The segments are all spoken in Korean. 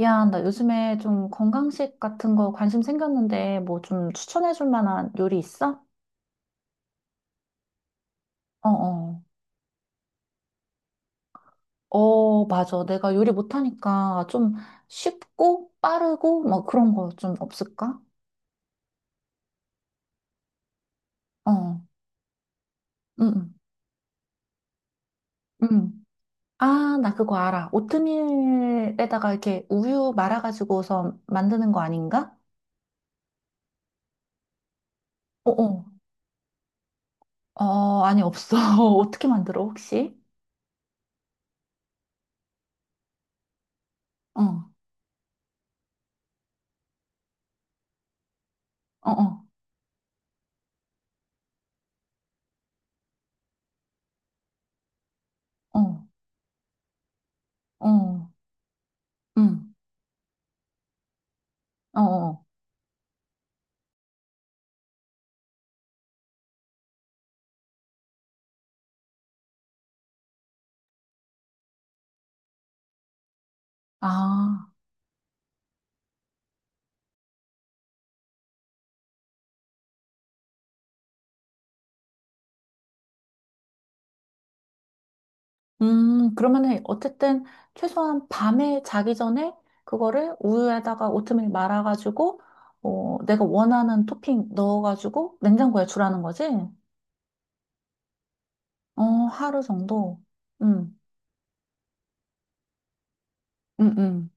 야, 나 요즘에 좀 건강식 같은 거 관심 생겼는데 뭐 좀 추천해 줄 만한 요리 있어? 어, 어. 어, 맞아. 내가 요리 못하니까 좀 쉽고 빠르고 뭐 그런 거 좀 없을까? 어. 응, 응. 응. 아, 나 그거 알아. 오트밀에다가 이렇게 우유 말아가지고서 만드는 거 아닌가? 어, 어. 어, 아니, 없어. 어떻게 만들어, 혹시? 어, 어, 어, 어, 어, 응, 어, 어. 아. 그러면은 어쨌든 최소한 밤에 자기 전에 그거를 우유에다가 오트밀 말아가지고 어, 내가 원하는 토핑 넣어가지고 냉장고에 주라는 거지? 어, 하루 정도. 음, 음, 음.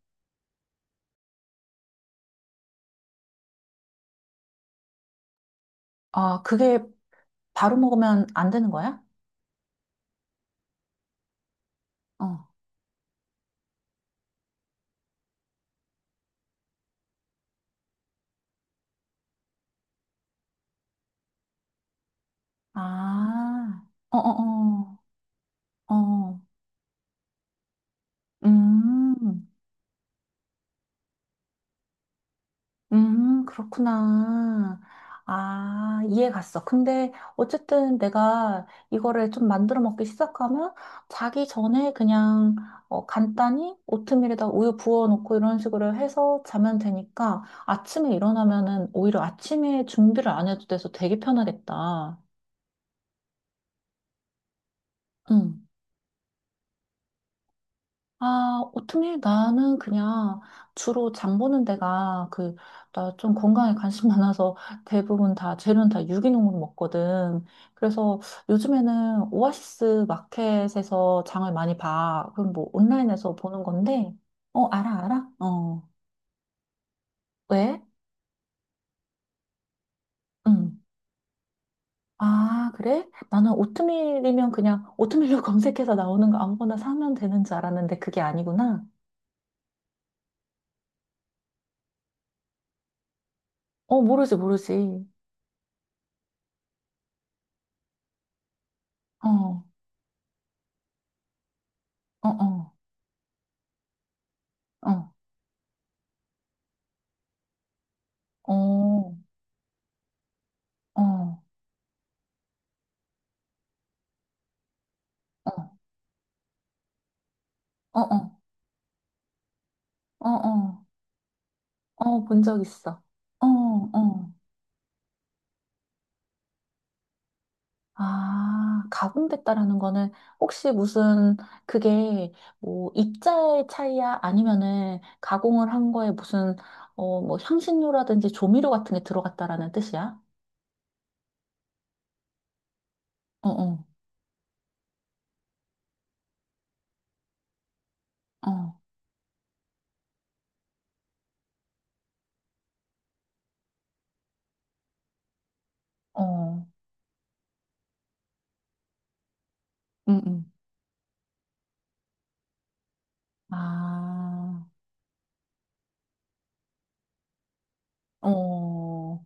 아, 그게 바로 먹으면 안 되는 거야? 어. 아, 어 어어. 어, 어, 어, 어, 음. 그렇구나. 아, 이해 갔어. 근데 어쨌든 내가 이거를 좀 만들어 먹기 시작하면 자기 전에 그냥 어, 간단히 오트밀에다 우유 부어놓고 이런 식으로 해서 자면 되니까 아침에 일어나면은 오히려 아침에 준비를 안 해도 돼서 되게 편하겠다. 응. 아, 오트밀 나는 그냥 주로 장 보는 데가 그, 나 좀 건강에 관심 많아서 대부분 다, 재료는 다 유기농으로 먹거든. 그래서 요즘에는 오아시스 마켓에서 장을 많이 봐. 그럼 뭐 온라인에서 보는 건데, 어, 알아, 알아? 어, 왜? 응. 아, 그래? 나는 오트밀이면 그냥 오트밀로 검색해서 나오는 거 아무거나 사면 되는 줄 알았는데 그게 아니구나. 어, 모르지, 모르지. 어, 어, 어. 어. 어, 어, 어, 어, 어, 어, 어, 어, 본 적 있어. 어, 어. 아, 가공됐다라는 거는 혹시 무슨 그게 뭐 입자의 차이야? 아니면은 가공을 한 거에 무슨 어, 뭐 향신료라든지 조미료 같은 게 들어갔다라는 뜻이야? 어, 어, 어, 어, 응, 응. 아, 어.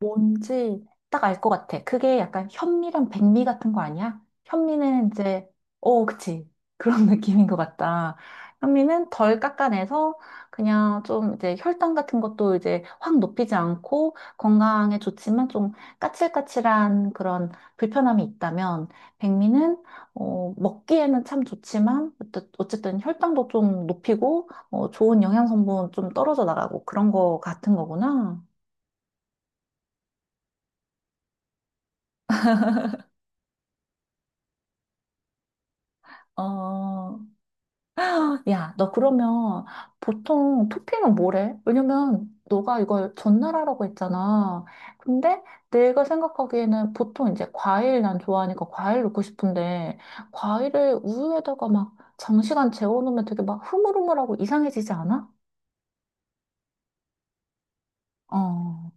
뭔지 딱 알 것 같아. 그게 약간 현미랑 백미 같은 거 아니야? 현미는 이제, 어, 그치. 그런 느낌인 것 같다. 현미는 덜 깎아내서 그냥 좀 이제 혈당 같은 것도 이제 확 높이지 않고 건강에 좋지만 좀 까칠까칠한 그런 불편함이 있다면 백미는 어, 먹기에는 참 좋지만 어쨌든 혈당도 좀 높이고 어, 좋은 영양 성분 좀 떨어져 나가고 그런 거 같은 거구나. 어, 야, 너 그러면 보통 토핑은 뭐래? 왜냐면 너가 이걸 전날하라고 했잖아. 근데 내가 생각하기에는 보통 이제 과일 난 좋아하니까 과일 넣고 싶은데 과일을 우유에다가 막 장시간 재워놓으면 되게 막 흐물흐물하고 이상해지지 않아? 어,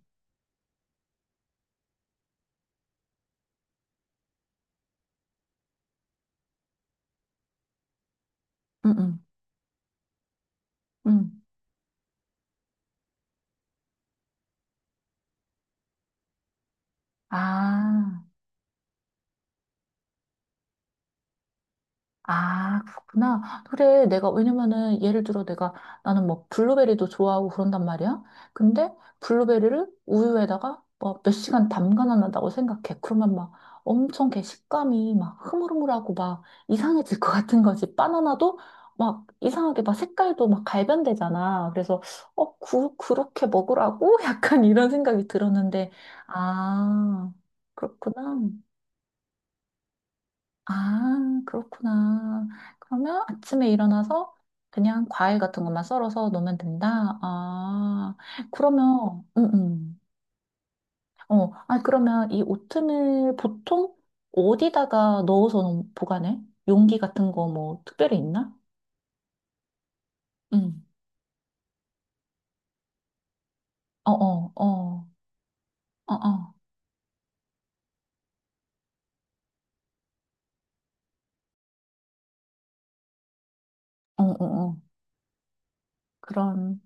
응, 응, 응. 아. 아, 그렇구나. 그래, 내가, 왜냐면은, 예를 들어 내가, 나는 뭐, 블루베리도 좋아하고 그런단 말이야. 근데, 블루베리를 우유에다가, 뭐, 몇 시간 담가놨다고 생각해. 그러면 막, 엄청 걔 식감이 막, 흐물흐물하고 막, 이상해질 것 같은 거지. 바나나도 막, 이상하게 막, 색깔도 막, 갈변되잖아. 그래서, 어, 그렇게 먹으라고? 약간 이런 생각이 들었는데, 아, 그렇구나. 아, 그렇구나. 그러면 아침에 일어나서 그냥 과일 같은 것만 썰어서 놓으면 된다? 아, 그러면, 어, 아, 그러면 이 오트밀 보통 어디다가 보관해? 용기 같은 거 뭐 특별히 있나? 음. 어, 어, 어, 어, 어, 어, 어, 어. 그런,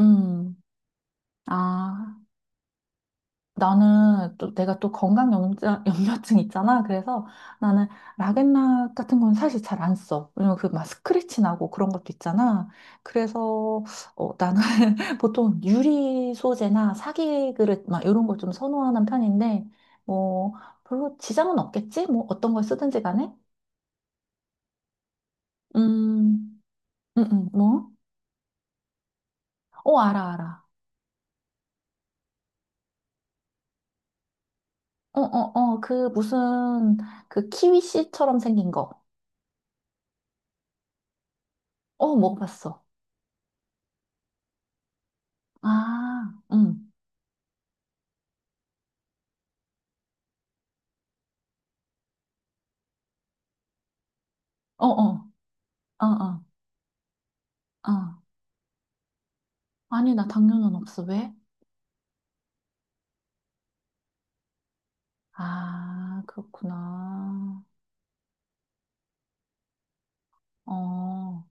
음. 아. 나는 또 내가 또 건강 염증, 염려증 있잖아. 그래서 나는 락앤락 같은 건 사실 잘 안 써. 왜냐면 그 막 스크래치 나고 그런 것도 있잖아. 그래서 어, 나는 보통 유리 소재나 사기 그릇 막 이런 걸 좀 선호하는 편인데 뭐 별로 지장은 없겠지? 뭐 어떤 걸 쓰든지 간에. 음, 뭐? 어, 알아, 알아. 어, 어, 어, 그 무슨 그 키위씨처럼 생긴 거. 어, 먹어봤어. 아, 응. 어어, 어어, 어. 어, 어. 아니, 나 당뇨는 없어. 왜? 아, 그렇구나. 어,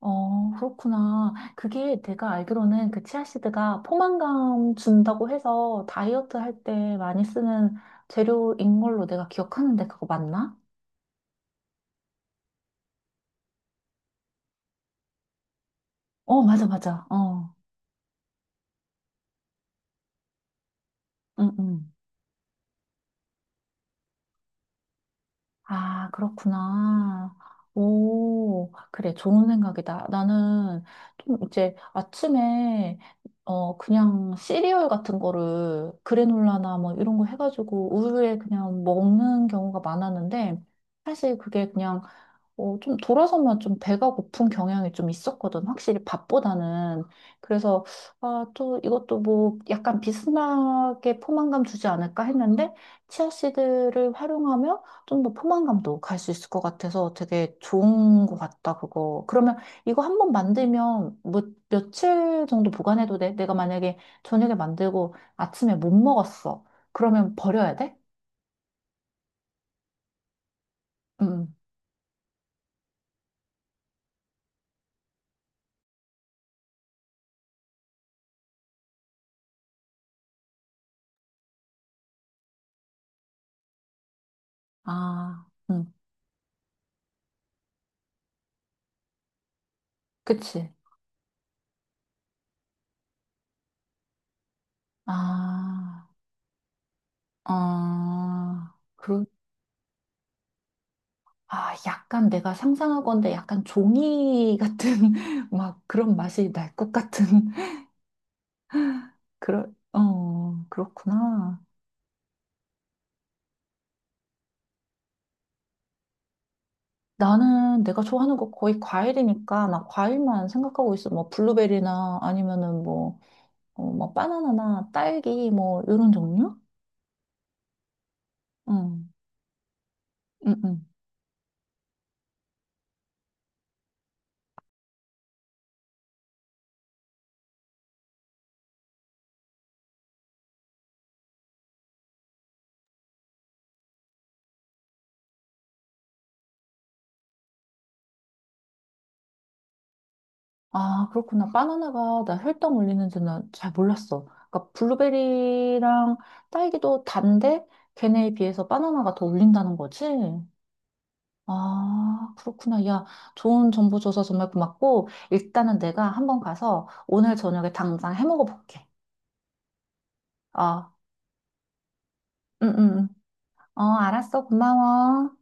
어, 그렇구나. 그게 내가 알기로는 그 치아시드가 포만감 준다고 해서 다이어트 할 때 많이 쓰는 재료인 걸로 내가 기억하는데 그거 맞나? 어, 맞아, 맞아. 어, 응, 응. 아, 그렇구나. 오, 그래, 좋은 생각이다. 나는 좀 이제 아침에, 어, 그냥 시리얼 같은 거를 그래놀라나 뭐 이런 거 해가지고 우유에 그냥 먹는 경우가 많았는데, 사실 그게 그냥 어, 좀 돌아서면 좀 배가 고픈 경향이 좀 있었거든. 확실히 밥보다는. 그래서, 아, 또 이것도 뭐 약간 비스무리하게 포만감 주지 않을까 했는데, 치아씨드를 활용하면 좀 더 포만감도 갈 수 있을 것 같아서 되게 좋은 것 같다, 그거. 그러면 이거 한번 만들면 뭐, 며칠 정도 보관해도 돼? 내가 만약에 저녁에 만들고 아침에 못 먹었어. 그러면 버려야 돼? 응. 아, 응. 그치. 아. 아, 그, 아, 약간 내가 상상하건대 약간 종이 같은, 막 그런 맛이 날 것 같은, 그런, 어, 그렇구나. 나는 내가 좋아하는 거 거의 과일이니까, 막 과일만 생각하고 있어. 뭐, 블루베리나 아니면은 뭐, 어, 뭐, 바나나나 딸기, 뭐, 이런 종류? 응, 응, 응. 아, 그렇구나. 바나나가 나 혈당 올리는 줄은 잘 몰랐어. 그러니까 블루베리랑 딸기도 단데 걔네에 비해서 바나나가 더 올린다는 거지? 아, 그렇구나. 야, 좋은 정보 줘서 정말 고맙고 일단은 내가 한번 가서 오늘 저녁에 당장 해 먹어 볼게. 어 응, 응, 응. 어, 알았어. 고마워.